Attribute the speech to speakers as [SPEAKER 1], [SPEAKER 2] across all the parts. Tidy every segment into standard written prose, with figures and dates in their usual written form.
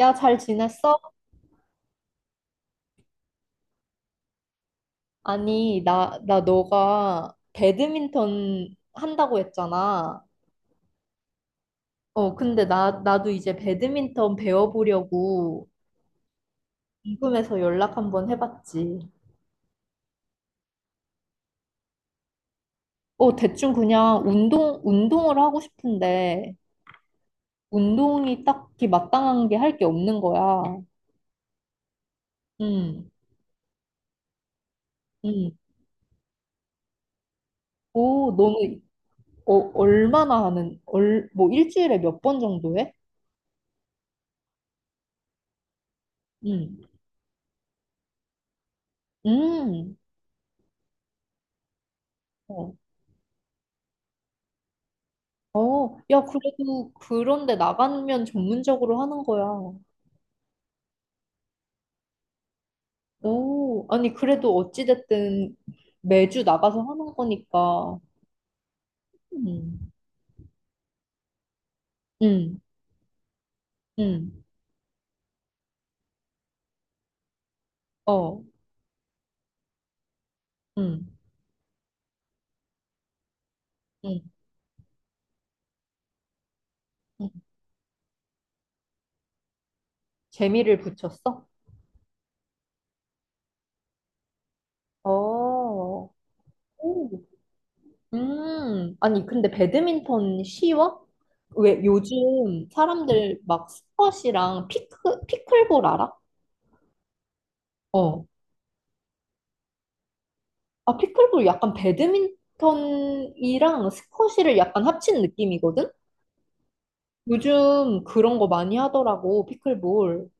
[SPEAKER 1] 야, 잘 지냈어? 아니, 나 너가 배드민턴 한다고 했잖아. 어, 근데 나도 이제 배드민턴 배워보려고 궁금해서 연락 한번 해봤지. 어, 대충 그냥 운동을 하고 싶은데, 운동이 딱히 마땅한 게 할 게 없는 거야. 응, 응. 오, 너는, 어, 얼마나 하는, 얼, 뭐 일주일에 몇 번 정도 해? 응, 응. 어. 어, 야, 그래도 그런데 나가면 전문적으로 하는 거야. 오, 아니, 그래도 어찌됐든 매주 나가서 하는 거니까. 음, 음, 음, 어, 음, 음, 음. 재미를 붙였어? 어, 오, 아니, 근데 배드민턴 쉬워? 왜 요즘 사람들 막 스쿼시랑 피클볼 알아? 어. 아, 피클볼 약간 배드민턴이랑 스쿼시를 약간 합친 느낌이거든? 요즘 그런 거 많이 하더라고, 피클볼.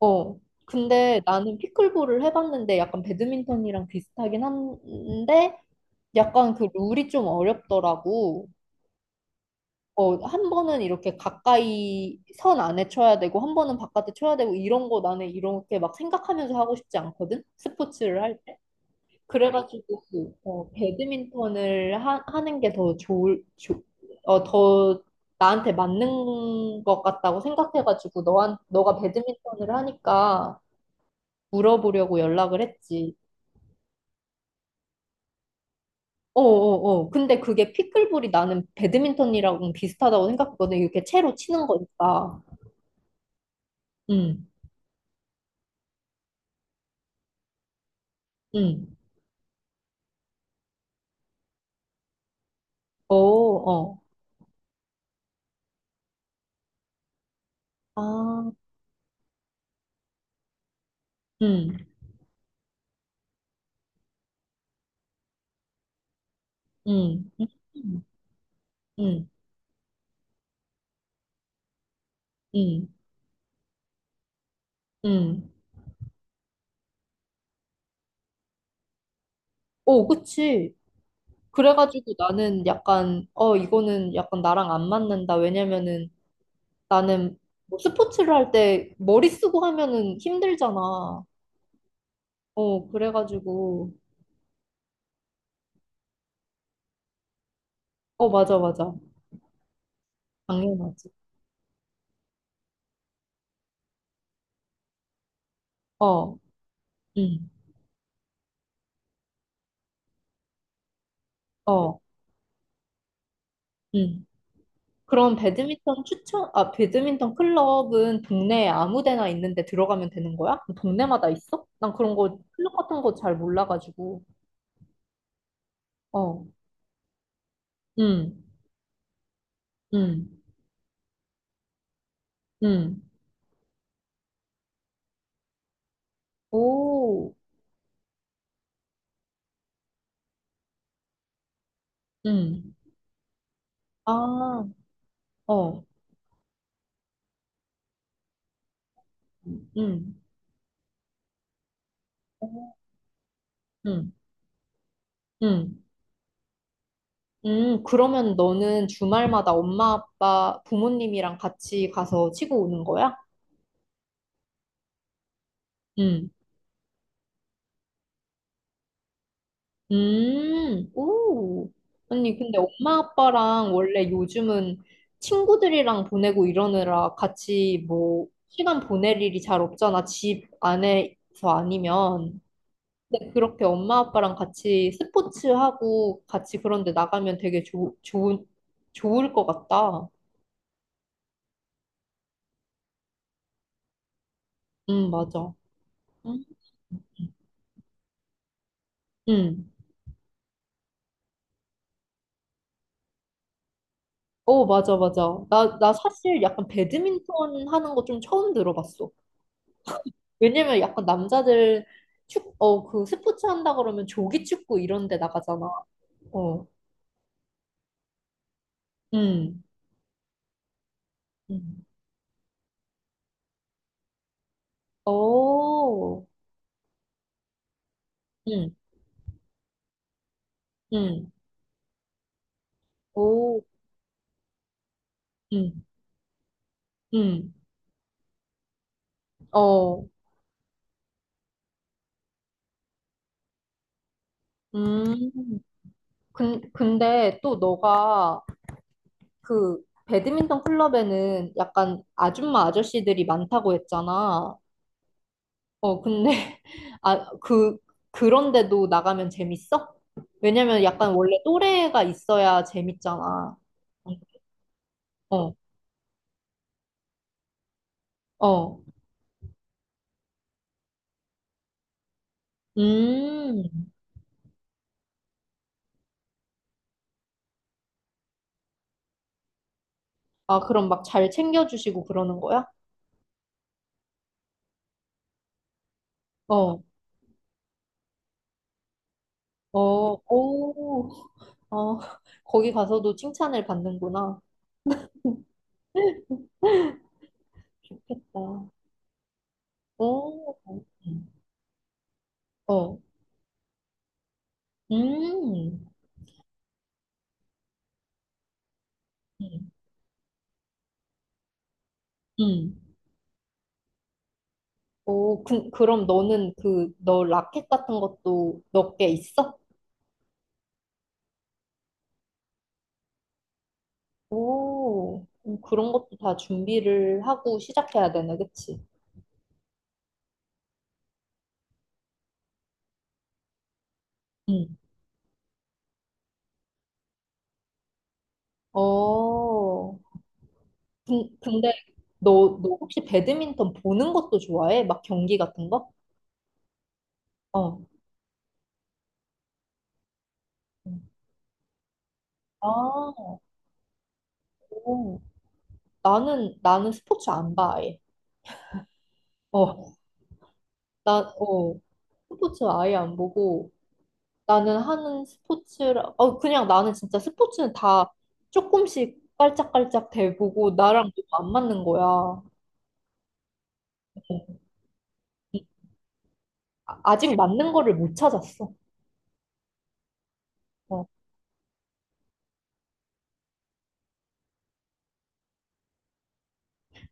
[SPEAKER 1] 어. 근데 나는 피클볼을 해봤는데 약간 배드민턴이랑 비슷하긴 한데 약간 그 룰이 좀 어렵더라고. 어, 한 번은 이렇게 가까이 선 안에 쳐야 되고, 한 번은 바깥에 쳐야 되고, 이런 거 나는 이렇게 막 생각하면서 하고 싶지 않거든? 스포츠를 할 때. 그래가지고 배드민턴을 하는 게 더 좋을 조, 어, 더 나한테 맞는 것 같다고 생각해가지고 너한 너가 배드민턴을 하니까 물어보려고 연락을 했지. 어어어. 근데 그게 피클볼이 나는 배드민턴이랑 비슷하다고 생각했거든. 이렇게 채로 치는 거니까. 응, 응. 어, 어. 아, 응, 응, 응, 응, 응, 응. 어, 그치. 그래가지고 나는 약간, 이거는 약간 나랑 안 맞는다. 왜냐면은 나는 뭐 스포츠를 할 때 머리 쓰고 하면은 힘들잖아. 어, 그래가지고, 어, 맞아, 맞아. 당연하지. 어, 응, 어, 응. 그럼 배드민턴 클럽은 동네에 아무 데나 있는데 들어가면 되는 거야? 동네마다 있어? 난 그런 거, 클럽 같은 거 잘 몰라가지고. 어, 응, 응, 응. 오, 응. 아. 어, 음. 응, 응, 응. 그러면 너는 주말마다 엄마, 아빠, 부모님이랑 같이 가서 치고 오는 거야? 응, 오. 아니, 근데 엄마, 아빠랑 원래 요즘은 친구들이랑 보내고 이러느라 같이 뭐, 시간 보낼 일이 잘 없잖아. 집 안에서 아니면. 근데 그렇게 엄마, 아빠랑 같이 스포츠하고 같이 그런데 나가면 되게 좋을 것 같다. 응, 맞아. 응? 응. 어, 맞아, 맞아. 나 사실 약간 배드민턴 하는 거 좀 처음 들어봤어. 왜냐면 약간 남자들 그 스포츠 한다 그러면 조기 축구 이런 데 나가잖아. 어. 응. 응. 오. 응. 응. 오. 응. 응. 어. 음. 근데 또 너가 그 배드민턴 클럽에는 약간 아줌마 아저씨들이 많다고 했잖아. 어, 근데, 아, 그런데도 나가면 재밌어? 왜냐면 약간 원래 또래가 있어야 재밌잖아. 어, 어. 음. 아, 그럼 막 잘 챙겨주시고 그러는 거야? 어, 어, 오, 어, 거기 가서도 칭찬을 받는구나. 좋겠다. 오, 어, 음, 음, 음. 오, 그럼 너는 너 라켓 같은 것도 몇 개 있어? 오, 그런 것도 다 준비를 하고 시작해야 되네, 그치? 응. 어, 근데 너 혹시 배드민턴 보는 것도 좋아해? 막 경기 같은 거? 어. 음. 아, 오. 나는 스포츠 안 봐, 아예. 어, 나, 어, 스포츠 아예 안 보고 나는 하는 스포츠라, 그냥 나는 진짜 스포츠는 다 조금씩 깔짝깔짝 대보고 나랑 너무 안 맞는 거야. 아직 맞는 거를 못 찾았어. 어,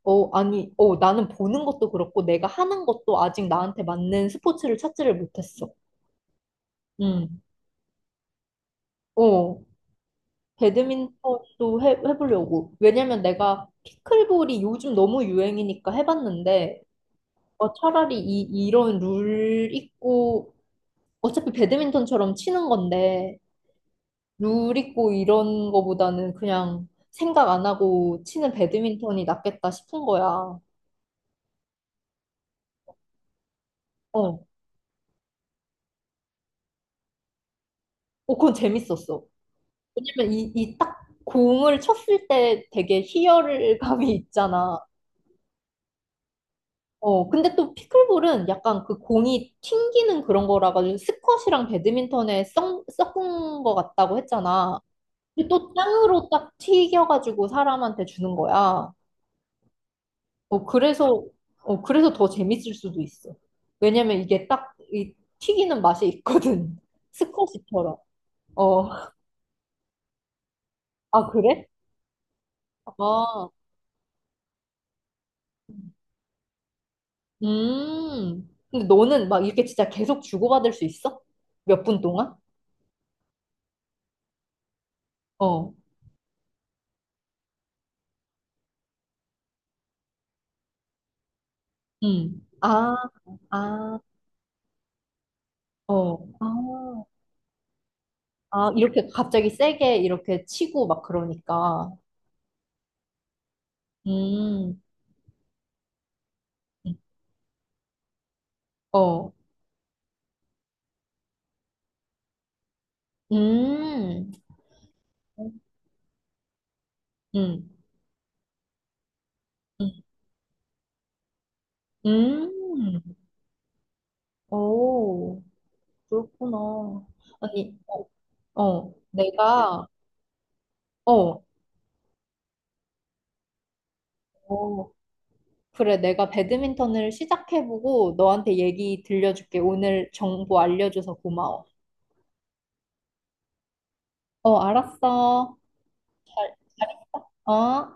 [SPEAKER 1] 어, 아니, 어, 나는 보는 것도 그렇고, 내가 하는 것도 아직 나한테 맞는 스포츠를 찾지를 못했어. 음, 어, 배드민턴도 해보려고. 왜냐면 내가 피클볼이 요즘 너무 유행이니까 해봤는데, 어, 차라리 이런 룰 있고, 어차피 배드민턴처럼 치는 건데, 룰 있고 이런 거보다는 그냥 생각 안 하고 치는 배드민턴이 낫겠다 싶은 거야. 어. 어, 그건 재밌었어. 왜냐면 이 딱 공을 쳤을 때 되게 희열감이 있잖아. 어, 근데 또 피클볼은 약간 그 공이 튕기는 그런 거라 가지고 스쿼시랑 배드민턴에 섞은 거 같다고 했잖아. 근데 또 땅으로 딱 튀겨가지고 사람한테 주는 거야. 어, 그래서 더 재밌을 수도 있어. 왜냐면 이게 딱 이 튀기는 맛이 있거든. 스쿼시처럼. 어. 아, 그래? 아. 음. 근데 너는 막 이렇게 진짜 계속 주고받을 수 있어? 몇 분 동안? 어. 음. 아, 아, 어. 아, 아, 이렇게 갑자기 세게 이렇게 치고 막 그러니까. 음. 어. 음. 음. 음. 음. 오, 그렇구나. 아니, 어, 어, 어, 어, 그래, 내가 배드민턴을 시작해보고 너한테 얘기 들려줄게. 오늘 정보 알려줘서 고마워. 어, 알았어. 어?